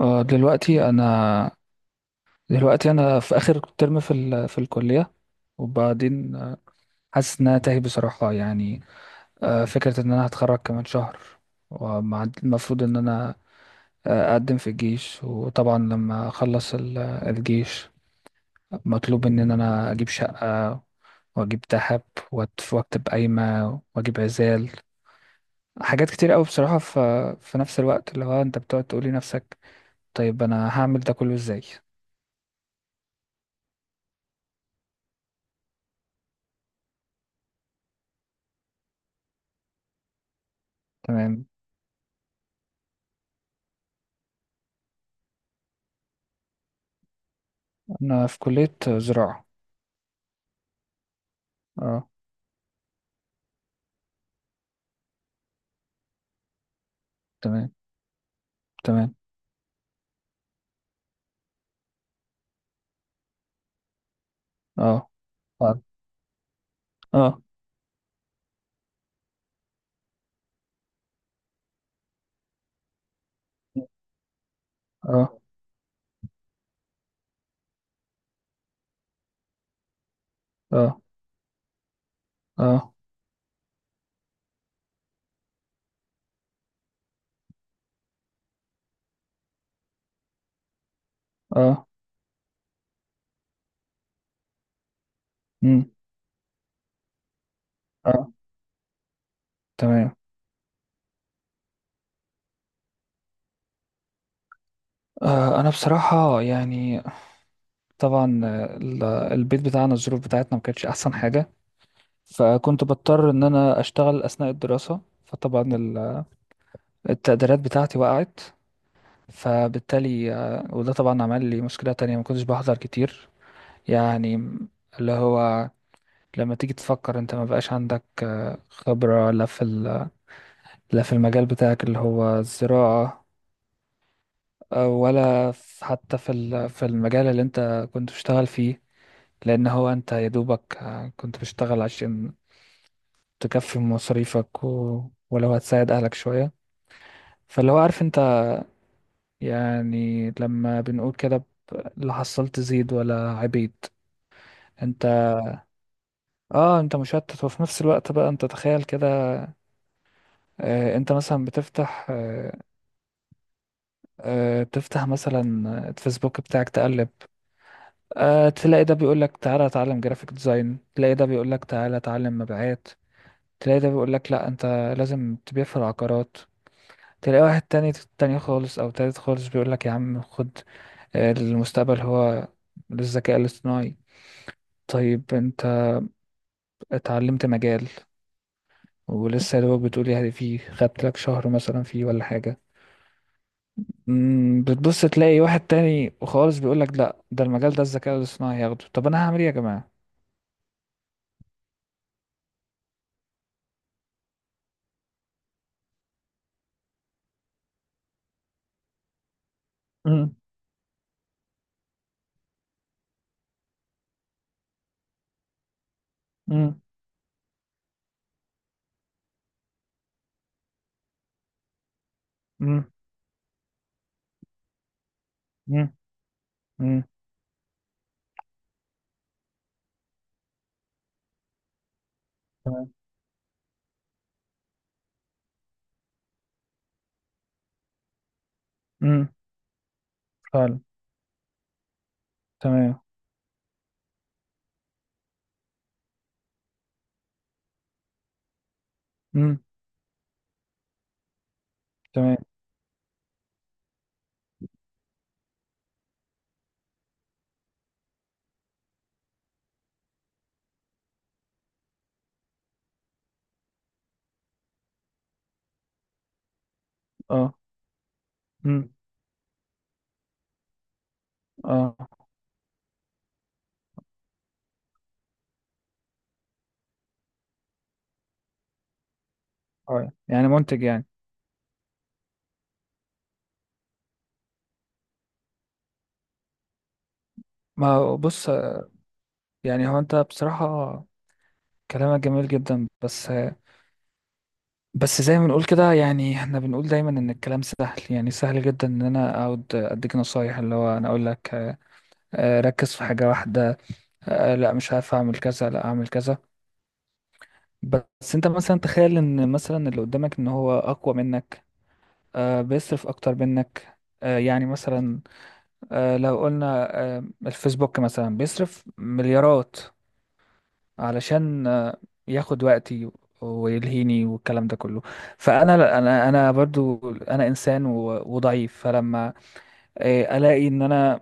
دلوقتي انا في اخر ترم في الكليه. وبعدين حاسس ان انا تايه بصراحه، يعني. فكره ان انا هتخرج كمان شهر، والمفروض ان انا اقدم في الجيش. وطبعا لما اخلص الجيش مطلوب ان انا اجيب شقه، واجيب ذهب، واكتب قايمه، واجيب عزال. حاجات كتير قوي بصراحه، في نفس الوقت اللي هو انت بتقعد تقولي نفسك طيب انا هعمل ده كله ازاي؟ تمام. أنا في كلية زراعة. أه. تمام. تمام. أه. أه. أه. أه. أه. أه. أه. أمم. أه. تمام. أه، أنا بصراحة يعني طبعا البيت بتاعنا الظروف بتاعتنا ما كانتش أحسن حاجة. فكنت بضطر إن أنا أشتغل أثناء الدراسة. فطبعا التقديرات بتاعتي وقعت، فبالتالي وده طبعا عمل لي مشكلة تانية، ما كنتش بحضر كتير، يعني. اللي هو لما تيجي تفكر انت ما بقاش عندك خبرة، لا في المجال بتاعك اللي هو الزراعة، حتى في المجال اللي انت كنت بتشتغل فيه. لان هو انت يا دوبك كنت بتشتغل عشان تكفي مصاريفك ولو هتساعد اهلك شوية. فاللي هو عارف انت، يعني لما بنقول كده لا حصلت زيد ولا عبيد. انت، اه، انت مشتت، وفي نفس الوقت بقى انت تخيل كده، انت مثلا بتفتح، تفتح مثلا الفيسبوك بتاعك تقلب، تلاقي ده بيقول لك تعالى اتعلم جرافيك ديزاين، تلاقي ده بيقول لك تعالى اتعلم مبيعات، تلاقي ده بيقول لك لا انت لازم تبيع في العقارات. تلاقي واحد تاني خالص او تالت خالص، بيقول لك يا عم خد، المستقبل هو للذكاء الاصطناعي. طيب انت اتعلمت مجال ولسه يا دوبك بتقول يعني فيه خدت لك شهر مثلا فيه ولا حاجة. مم، بتبص تلاقي واحد تاني خالص بيقول لك لا ده المجال ده الذكاء الاصطناعي هياخده، طب انا هعمل ايه يا جماعة؟ مم. مم. مم. مم. مم. تمام. مم. فعلا. تمام. مم. تمام. اه. مم. اه. اه، يعني منتج، يعني. ما هو بص، يعني هو انت بصراحة كلامك جميل جدا، بس بس زي ما بنقول كده يعني، احنا بنقول دايما ان الكلام سهل، يعني سهل جدا ان انا اقعد اديك نصايح اللي هو انا اقول لك ركز في حاجة واحدة، لا مش عارف اعمل كذا لا اعمل كذا. بس انت مثلا تخيل ان مثلا اللي قدامك ان هو اقوى منك، بيصرف اكتر منك، يعني مثلا لو قلنا الفيسبوك مثلا بيصرف مليارات علشان ياخد وقتي ويلهيني والكلام ده كله. فانا لا، انا برضو انا انسان وضعيف، فلما الاقي ان انا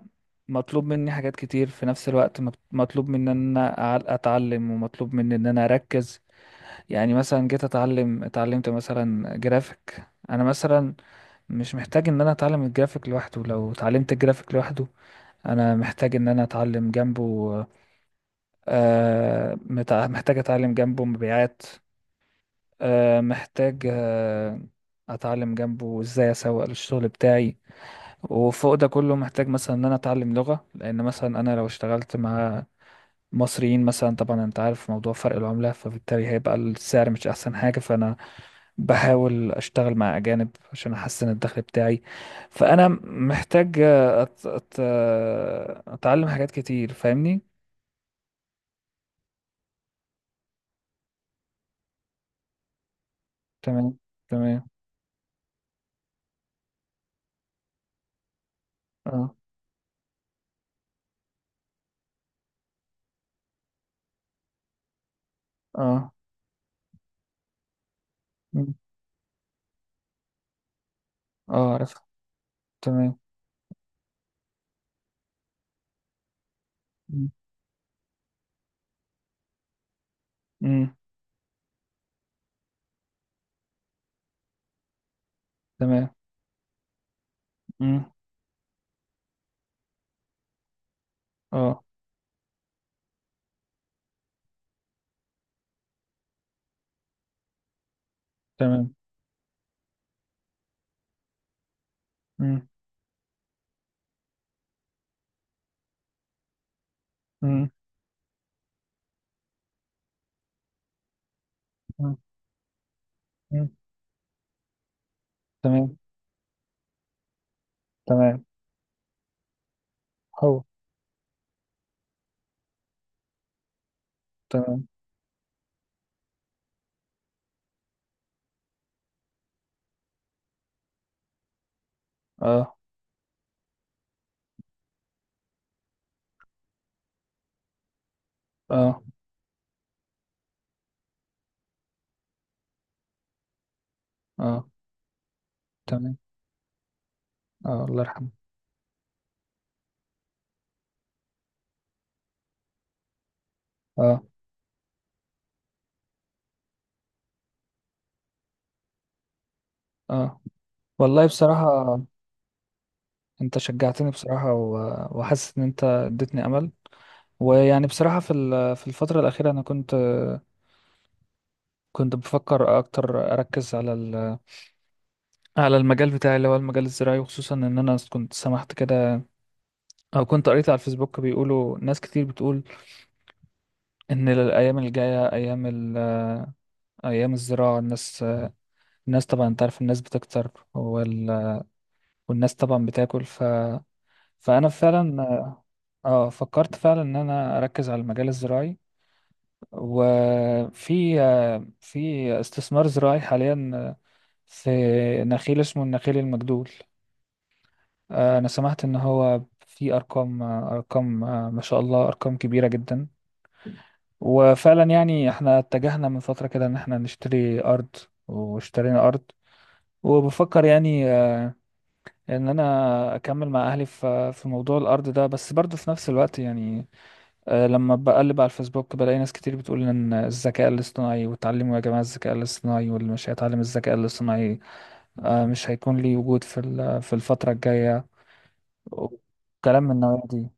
مطلوب مني حاجات كتير في نفس الوقت، مطلوب مني ان انا اتعلم، ومطلوب مني ان انا اركز. يعني مثلا جيت اتعلمت مثلا جرافيك، انا مثلا مش محتاج ان انا اتعلم الجرافيك لوحده. لو اتعلمت الجرافيك لوحده انا محتاج ان انا اتعلم جنبه، محتاج اتعلم جنبه مبيعات، محتاج اتعلم جنبه ازاي اسوق للشغل بتاعي. وفوق ده كله محتاج مثلا ان انا اتعلم لغة، لان مثلا انا لو اشتغلت مع مصريين مثلا، طبعا انت عارف موضوع فرق العملة، فبالتالي هيبقى السعر مش احسن حاجة، فانا بحاول اشتغل مع اجانب عشان احسن الدخل بتاعي. فانا محتاج اتعلم حاجات كتير، فاهمني. تمام. تمام. اه. اه. مم. اه، عارف. تمام. مم. مم. تمام. مم. اه. تمام. مم. مم. مم. مم. تمام. تمام. هو. تمام. اه. اه. اه. تمام. اه، الله يرحمه. اه. اه، والله بصراحة انت شجعتني بصراحة وحاسس ان انت اديتني امل. ويعني بصراحة في الفترة الأخيرة أنا كنت بفكر أكتر أركز على المجال بتاعي اللي هو المجال الزراعي. وخصوصا إن أنا كنت سمحت كده، أو كنت قريت على الفيسبوك بيقولوا ناس كتير بتقول إن الأيام الجاية أيام الزراعة. الناس طبعا أنت عارف، الناس بتكتر، والناس طبعا بتاكل، فأنا فعلا. اه، فكرت فعلا ان انا اركز على المجال الزراعي، وفي في استثمار زراعي حاليا في نخيل اسمه النخيل المجدول. أنا سمعت إن هو في أرقام، أرقام، ما شاء الله أرقام كبيرة جدا. وفعلا يعني احنا اتجهنا من فترة كده إن احنا نشتري أرض، واشترينا أرض. وبفكر يعني إن أنا أكمل مع أهلي في موضوع الأرض ده. بس برضه في نفس الوقت يعني لما بقلب على الفيسبوك بلاقي ناس كتير بتقول إن الذكاء الاصطناعي، وتعلموا يا جماعة الذكاء الاصطناعي، واللي مش هيتعلم الذكاء الاصطناعي مش هيكون ليه وجود في الفترة الجاية، كلام من النوعية دي.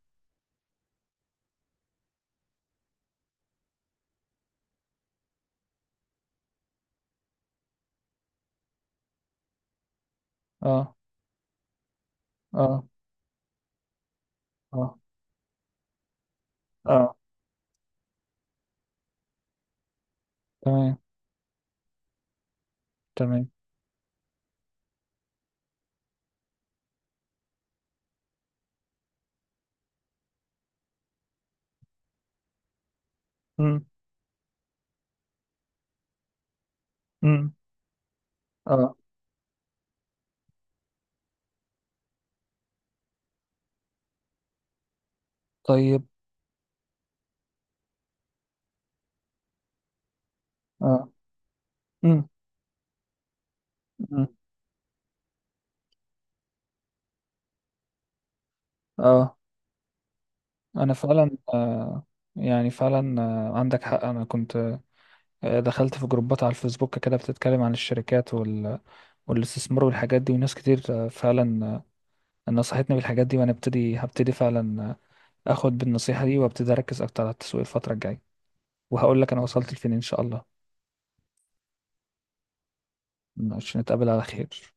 اه. اه. اه. اه. تمام. تمام. امم. امم. اه. طيب. اه. امم. امم. اه، انا فعلا يعني فعلا عندك حق. انا كنت دخلت في جروبات على الفيسبوك كده بتتكلم عن الشركات والاستثمار والحاجات دي، وناس كتير فعلا نصحتني بالحاجات دي. وانا ابتدي هبتدي فعلا اخد بالنصيحة دي، وابتدي اركز اكتر على التسويق الفترة الجاية، وهقول لك انا وصلت لفين ان شاء الله. ماشي، نتقابل على خير.